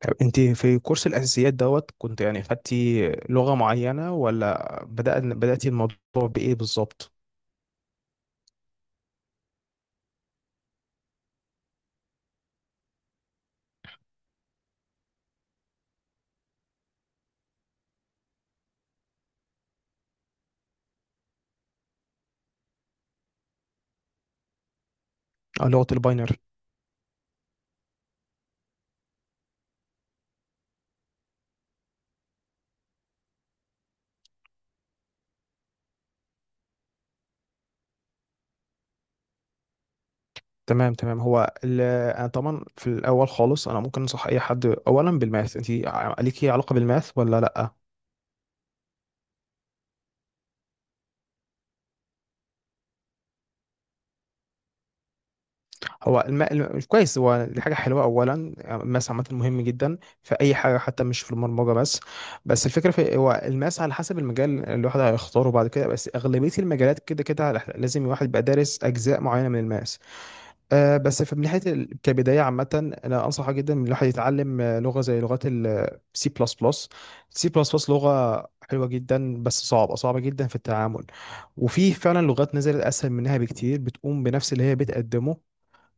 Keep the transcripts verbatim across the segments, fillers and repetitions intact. طب انت في كورس الاساسيات دوت كنت يعني خدتي لغه معينه، ولا بدأت بدأتي الموضوع بايه بالظبط؟ اه، لغه الباينر. تمام تمام. هو ال- انا طبعا في الاول خالص، انا ممكن انصح اي حد اولا بالماث. انت ليكي علاقه بالماث ولا لا؟ هو الم... الم- كويس، هو دي حاجه حلوه اولا. آه، الماث عامه مهم جدا في اي حاجه، حتى مش في البرمجه بس. بس الفكره في، هو الماث على حسب المجال اللي الواحد هيختاره بعد كده، بس اغلبيه المجالات كده كده لازم الواحد يبقى دارس اجزاء معينه من الماث. آه، بس في، من ناحيه ال- كبدايه عامه، انا انصحه جدا ان الواحد يتعلم آه، لغه زي لغات السي بلس بلس. سي بلس بلس لغه حلوه جدا، بس صعبه صعبه جدا في التعامل، وفي فعلا لغات نزلت اسهل منها بكتير بتقوم بنفس اللي هي بتقدمه.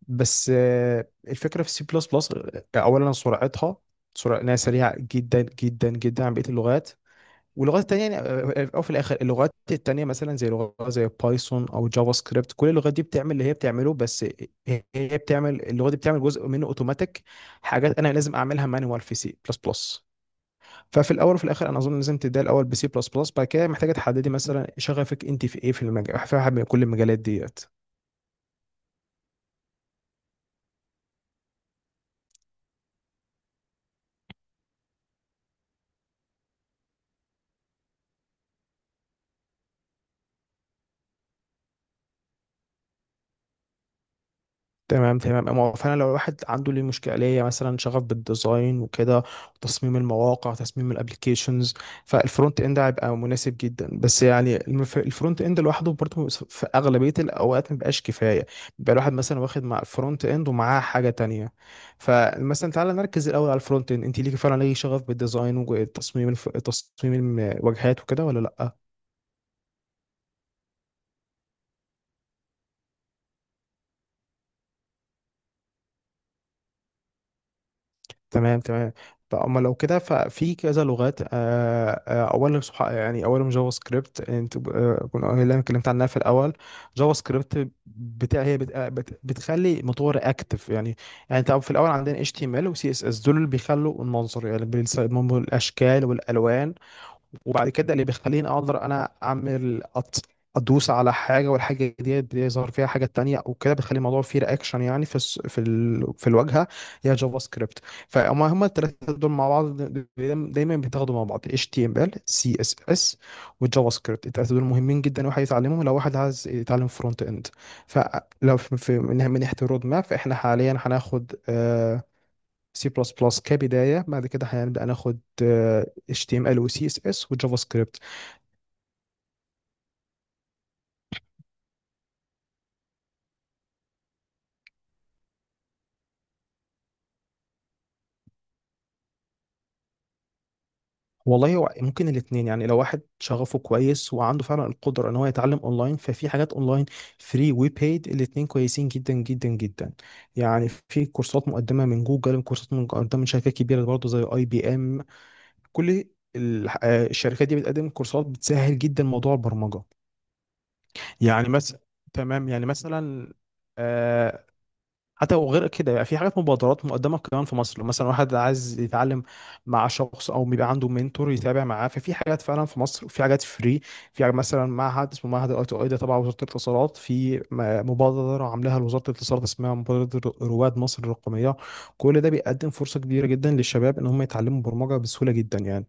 بس آه، الفكره في سي بلس بلس، اولا سرعتها، سرعه إنها سريعه جدا جدا جدا عن بقيه اللغات. واللغات التانية، يعني آه، آه، او في الاخر، اللغات التانية مثلا زي لغة زي بايثون او جافا سكريبت، كل اللغات دي بتعمل اللي هي بتعمله، بس هي هي بتعمل اللغة دي بتعمل جزء منه اوتوماتيك، حاجات انا لازم اعملها مانوال في سي بلس بلس. ففي الاول وفي الاخر انا اظن لازم تبدأ الاول بسي بلس بلس، بعد كده محتاجة تحددي مثلا شغفك انت في ايه، في المجال، في واحد من كل المجالات ديت. تمام تمام. أما هو فعلا لو الواحد عنده ليه مشكله، ليه مثلا شغف بالديزاين وكده، وتصميم المواقع، تصميم الابلكيشنز، فالفرونت اند هيبقى مناسب جدا. بس يعني المف- الفرونت اند لوحده برضه في اغلبيه الاوقات ما بيبقاش كفايه. بيبقى الواحد مثلا واخد مع الفرونت اند ومعاه حاجه تانية. فمثلا تعالى نركز الاول على الفرونت اند. انت ليكي فعلا ليه شغف بالديزاين وتصميم الف... تصميم الواجهات وكده ولا لا؟ تمام تمام. طب اما لو كده ففي كذا لغات. آه، آه، اولا صح، يعني اولهم جافا سكريبت. انت آه، كنا اللي انا اتكلمت عنها في الاول، جافا سكريبت. بتاع هي بت آه، بت- بتخلي موتور اكتف يعني. يعني طب في الاول عندنا اتش تي ام ال وسي اس اس، دول اللي بيخلوا المنظر يعني، بيصمموا الاشكال والالوان. وبعد كده اللي بيخليني اقدر انا اعمل أط- ادوس على حاجه والحاجه دي بيظهر فيها حاجه تانية وكده، بيخلي الموضوع فيه رياكشن يعني في الس- في ال... في الواجهه، يا جافا سكريبت. فهم هم الثلاثه دول مع بعض دايما دايماً بيتاخدوا مع بعض، اتش تي ام ال سي اس اس والجافا سكريبت. الثلاثه دول مهمين جدا واحد يتعلمهم لو واحد عايز يتعلم فرونت اند. فلو في في- من من ناحيه الرود ماب، فاحنا حاليا هناخد آه، سي بلس بلس كبدايه، بعد كده هنبدا ناخد آه، اتش تي ام ال وسي اس اس وجافا سكريبت. والله هو ممكن الاثنين يعني. لو واحد شغفه كويس وعنده فعلا القدره ان هو يتعلم اونلاين، ففي حاجات اونلاين فري وبيد، الاثنين كويسين جدا جدا جدا. يعني في كورسات مقدمه من جوجل، كورسات مقدمه من شركات كبيره برضه زي اي بي ام. كل ال- آه، الشركات دي بتقدم كورسات بتسهل جدا موضوع البرمجه. يعني مثلا، تمام يعني مثلا، آه، حتى وغير كده، يعني في حاجات مبادرات مقدمه كمان في مصر لو مثلا واحد عايز يتعلم مع شخص او بيبقى عنده منتور يتابع معاه، ففي حاجات فعلا في مصر، في حاجات فري. في حاجة مثلا معهد اسمه معهد الاي تو اي، ده تبع وزاره الاتصالات، في م- مبادره عاملاها وزاره الاتصالات اسمها مبادره رواد مصر الرقميه. كل ده بيقدم فرصه كبيره جدا للشباب ان هم يتعلموا برمجه بسهوله جدا يعني.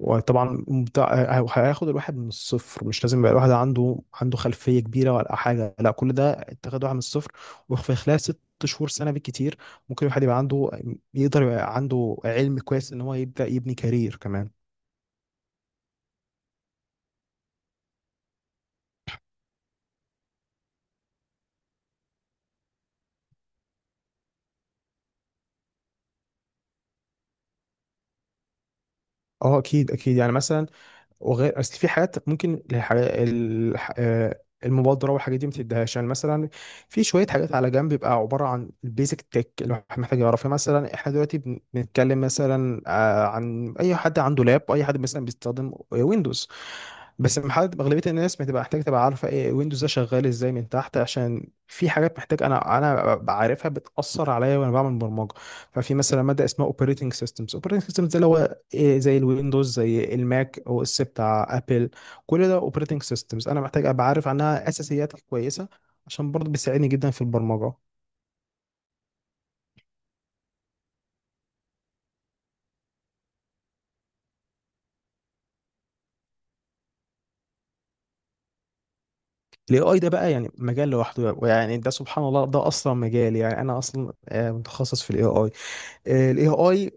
وطبعا ممتع- هياخد الواحد من الصفر، مش لازم يبقى الواحد عنده عنده خلفيه كبيره ولا حاجه، لا كل ده انت واحد من الصفر. وفي خلال ست شهور، سنه بالكتير، ممكن الواحد يبقى عنده، يقدر يبقى عنده علم كويس ان هو يبدا يبني كارير كمان. اه اكيد اكيد. يعني مثلا، وغير اصل في حاجات ممكن الح... الح... آه، المبادره والحاجات دي ما تديهاش، يعني مثلا في شويه حاجات على جنب بيبقى عباره عن البيزك تك اللي الواحد محتاج يعرفها. مثلا احنا دلوقتي بن- بنتكلم مثلا آه، عن اي حد عنده لاب، اي حد مثلا بيستخدم ويندوز، بس محد اغلبيه الناس بتبقى محتاج تبقى عارفه ايه ويندوز ده شغال ازاي من تحت، عشان في حاجات محتاج انا انا بعرفها بتاثر عليا وانا بعمل برمجه. ففي مثلا ماده اسمها اوبريتنج سيستمز، اوبريتنج سيستمز ده اللي هو إيه، زي الويندوز، زي الماك او اس بتاع ابل، كل ده اوبريتنج سيستمز. انا محتاج ابقى عارف عنها اساسيات كويسه عشان برضه بيساعدني جدا في البرمجه. الاي اي ده بقى يعني مجال لوحده يعني، ده سبحان الله ده اصلا مجال، يعني انا اصلا آه، متخصص في الاي اي. الاي اي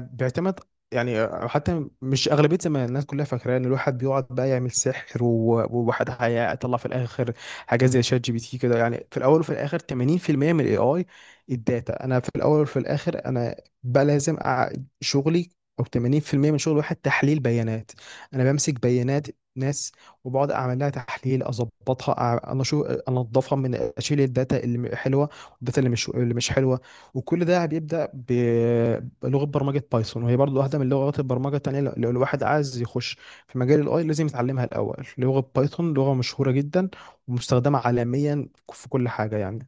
بيعتمد، يعني حتى مش اغلبيه زمان الناس كلها فاكره ان الواحد بيقعد بقى يعمل سحر و- وواحد هيطلع في الاخر حاجات زي شات جي بي تي كده يعني. في الاول وفي الاخر تمانين في المية من الاي اي الداتا. انا في الاول وفي الاخر انا بقى لازم أع- شغلي، او تمانين في المية من شغل واحد تحليل بيانات. انا بمسك بيانات ناس، وبقعد اعمل لها تحليل، اظبطها، أع- انا شو انضفها من، اشيل الداتا اللي حلوه والداتا اللي مش اللي مش حلوه. وكل ده بيبدأ ب- بلغة برمجة بايثون، وهي برضو واحدة من لغات البرمجة التانية. لو لو الواحد عايز يخش في مجال الاي لازم يتعلمها الأول. لغة بايثون لغة مشهورة جدا ومستخدمة عالميا في كل حاجة يعني.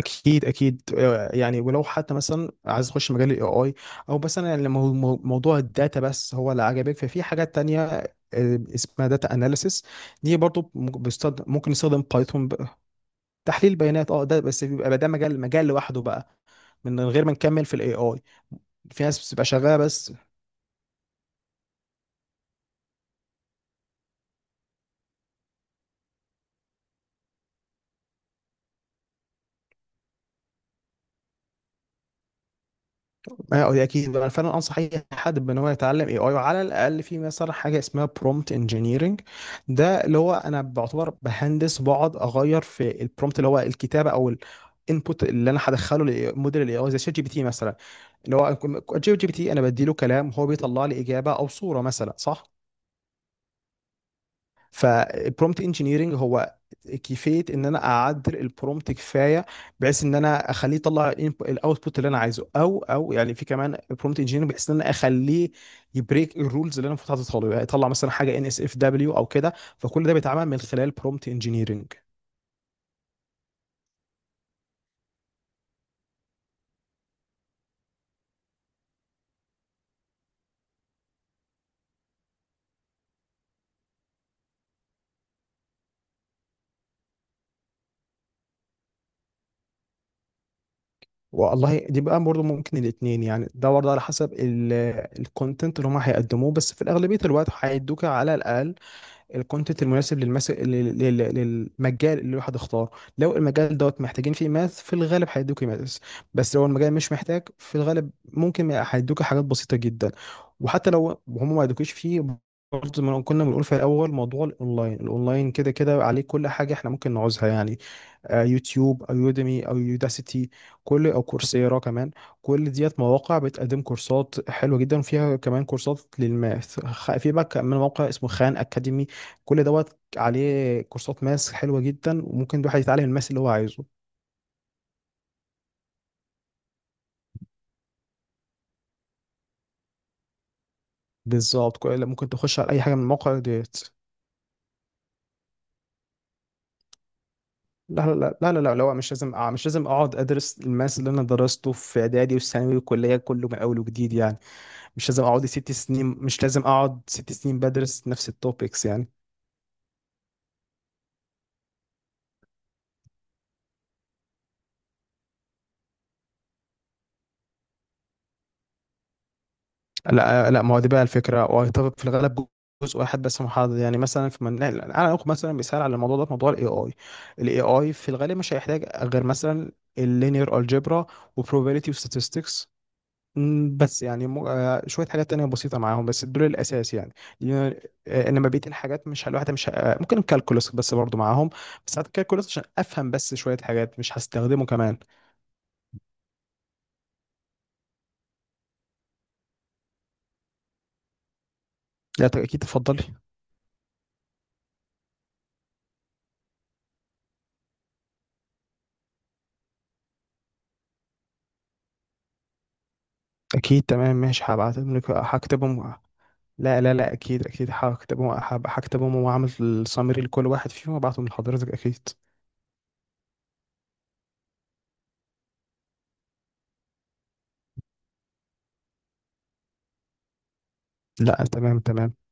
اكيد اكيد. آه، يعني ولو حتى مثلا عايز تخش مجال الاي اي، او مثلا يعني مو- مو- موضوع الداتا بس هو اللي عجبك، ففي حاجات تانية آه، اسمها داتا اناليسيس. دي برضو ممكن بيستخدم- ممكن يستخدم بايثون. تحليل بيانات، اه، ده بس بيبقى بقى ده مجال مجال لوحده بقى، من غير ما نكمل في الاي اي. في ناس بتبقى شغاله بس. ما هو اكيد انا فعلا انصح اي حد بان هو يتعلم اي اي، وعلى الاقل في مثلا حاجه اسمها برومت انجينيرنج. ده اللي هو انا بعتبر بهندس بقعد اغير في البرومت، اللي هو الكتابه او الانبوت اللي انا هدخله لموديل الاي اي زي شات جي بي تي مثلا، اللي هو جي بي تي انا بدي له كلام هو بيطلع لي اجابه او صوره مثلا، صح؟ فالبرومت انجينيرنج هو كيفيه ان انا اعدل البرومت كفايه بحيث ان انا اخليه يطلع الاوتبوت اللي انا عايزه. او او يعني في كمان برومت انجينيرنج بحيث ان انا اخليه يبريك الرولز اللي انا المفروض حاططها له، يعني يطلع مثلا حاجه ان اس اف دبليو او كده. فكل ده بيتعمل من خلال برومت انجينيرنج. والله دي بقى برضه ممكن الاثنين يعني. ده برضه على حسب الكونتنت اللي هم هيقدموه، بس في الاغلبيه الوقت هيدوك على الاقل الكونتنت المناسب للمس... لل- لل- للمجال اللي الواحد اختاره. لو المجال دوت محتاجين فيه ماث في الغالب هيدوك ماث، بس لو المجال مش محتاج في الغالب ممكن هيدوك حاجات بسيطة جدا. وحتى لو هم ما يدوكيش فيه، برضه زي ما كنا بنقول في الاول، موضوع الاونلاين، الاونلاين كده كده عليه كل حاجة احنا ممكن نعوزها يعني، آه، يوتيوب او يوديمي او يوداسيتي، كل او كورسيرا كمان. كل ديت مواقع بتقدم كورسات حلوه جدا، وفيها كمان كورسات للم... خ- في بقى كمان موقع اسمه خان اكاديمي، كل دوت عليه كورسات ماس حلوه جدا وممكن الواحد يتعلم الماس اللي هو عايزه. بالظبط. كل- ممكن تخش على اي حاجه من المواقع ديت. لا لا لا لا لا لا لا، مش لازم. آه، مش لازم اقعد ادرس الماس اللي انا درسته في اعدادي والثانوي والكليه كله من اول وجديد يعني. مش لازم اقعد ست سنين، مش لازم اقعد ست سنين بدرس نفس التوبكس يعني. لا لا، ما هو دي بقى الفكره وهيتفق في الغالب جزء واحد بس محدد، يعني مثلا في من... انا اخد مثلا مثال على الموضوع ده، في موضوع الاي اي، الاي اي في الغالب مش هيحتاج غير مثلا اللينير الجبرا وبروبابيليتي وستاتستكس، بس يعني م... آه، شويه حاجات تانية بسيطه معاهم، بس دول الاساس يعني. لأن- آه، انما بقيه الحاجات مش ه- الواحد مش ه- آه، ممكن الكالكولس بس برضو معاهم. بس هات الكالكولس عشان افهم بس، شويه حاجات مش هستخدمه كمان. لا، ت- اكيد تفضلي. اكيد تمام ماشي، هبعت لك هكتبهم. لا لا لا اكيد اكيد هكتبهم، هب- هكتبهم واعمل السامري لكل واحد فيهم وابعتهم لحضرتك اكيد. لا تمام تمام.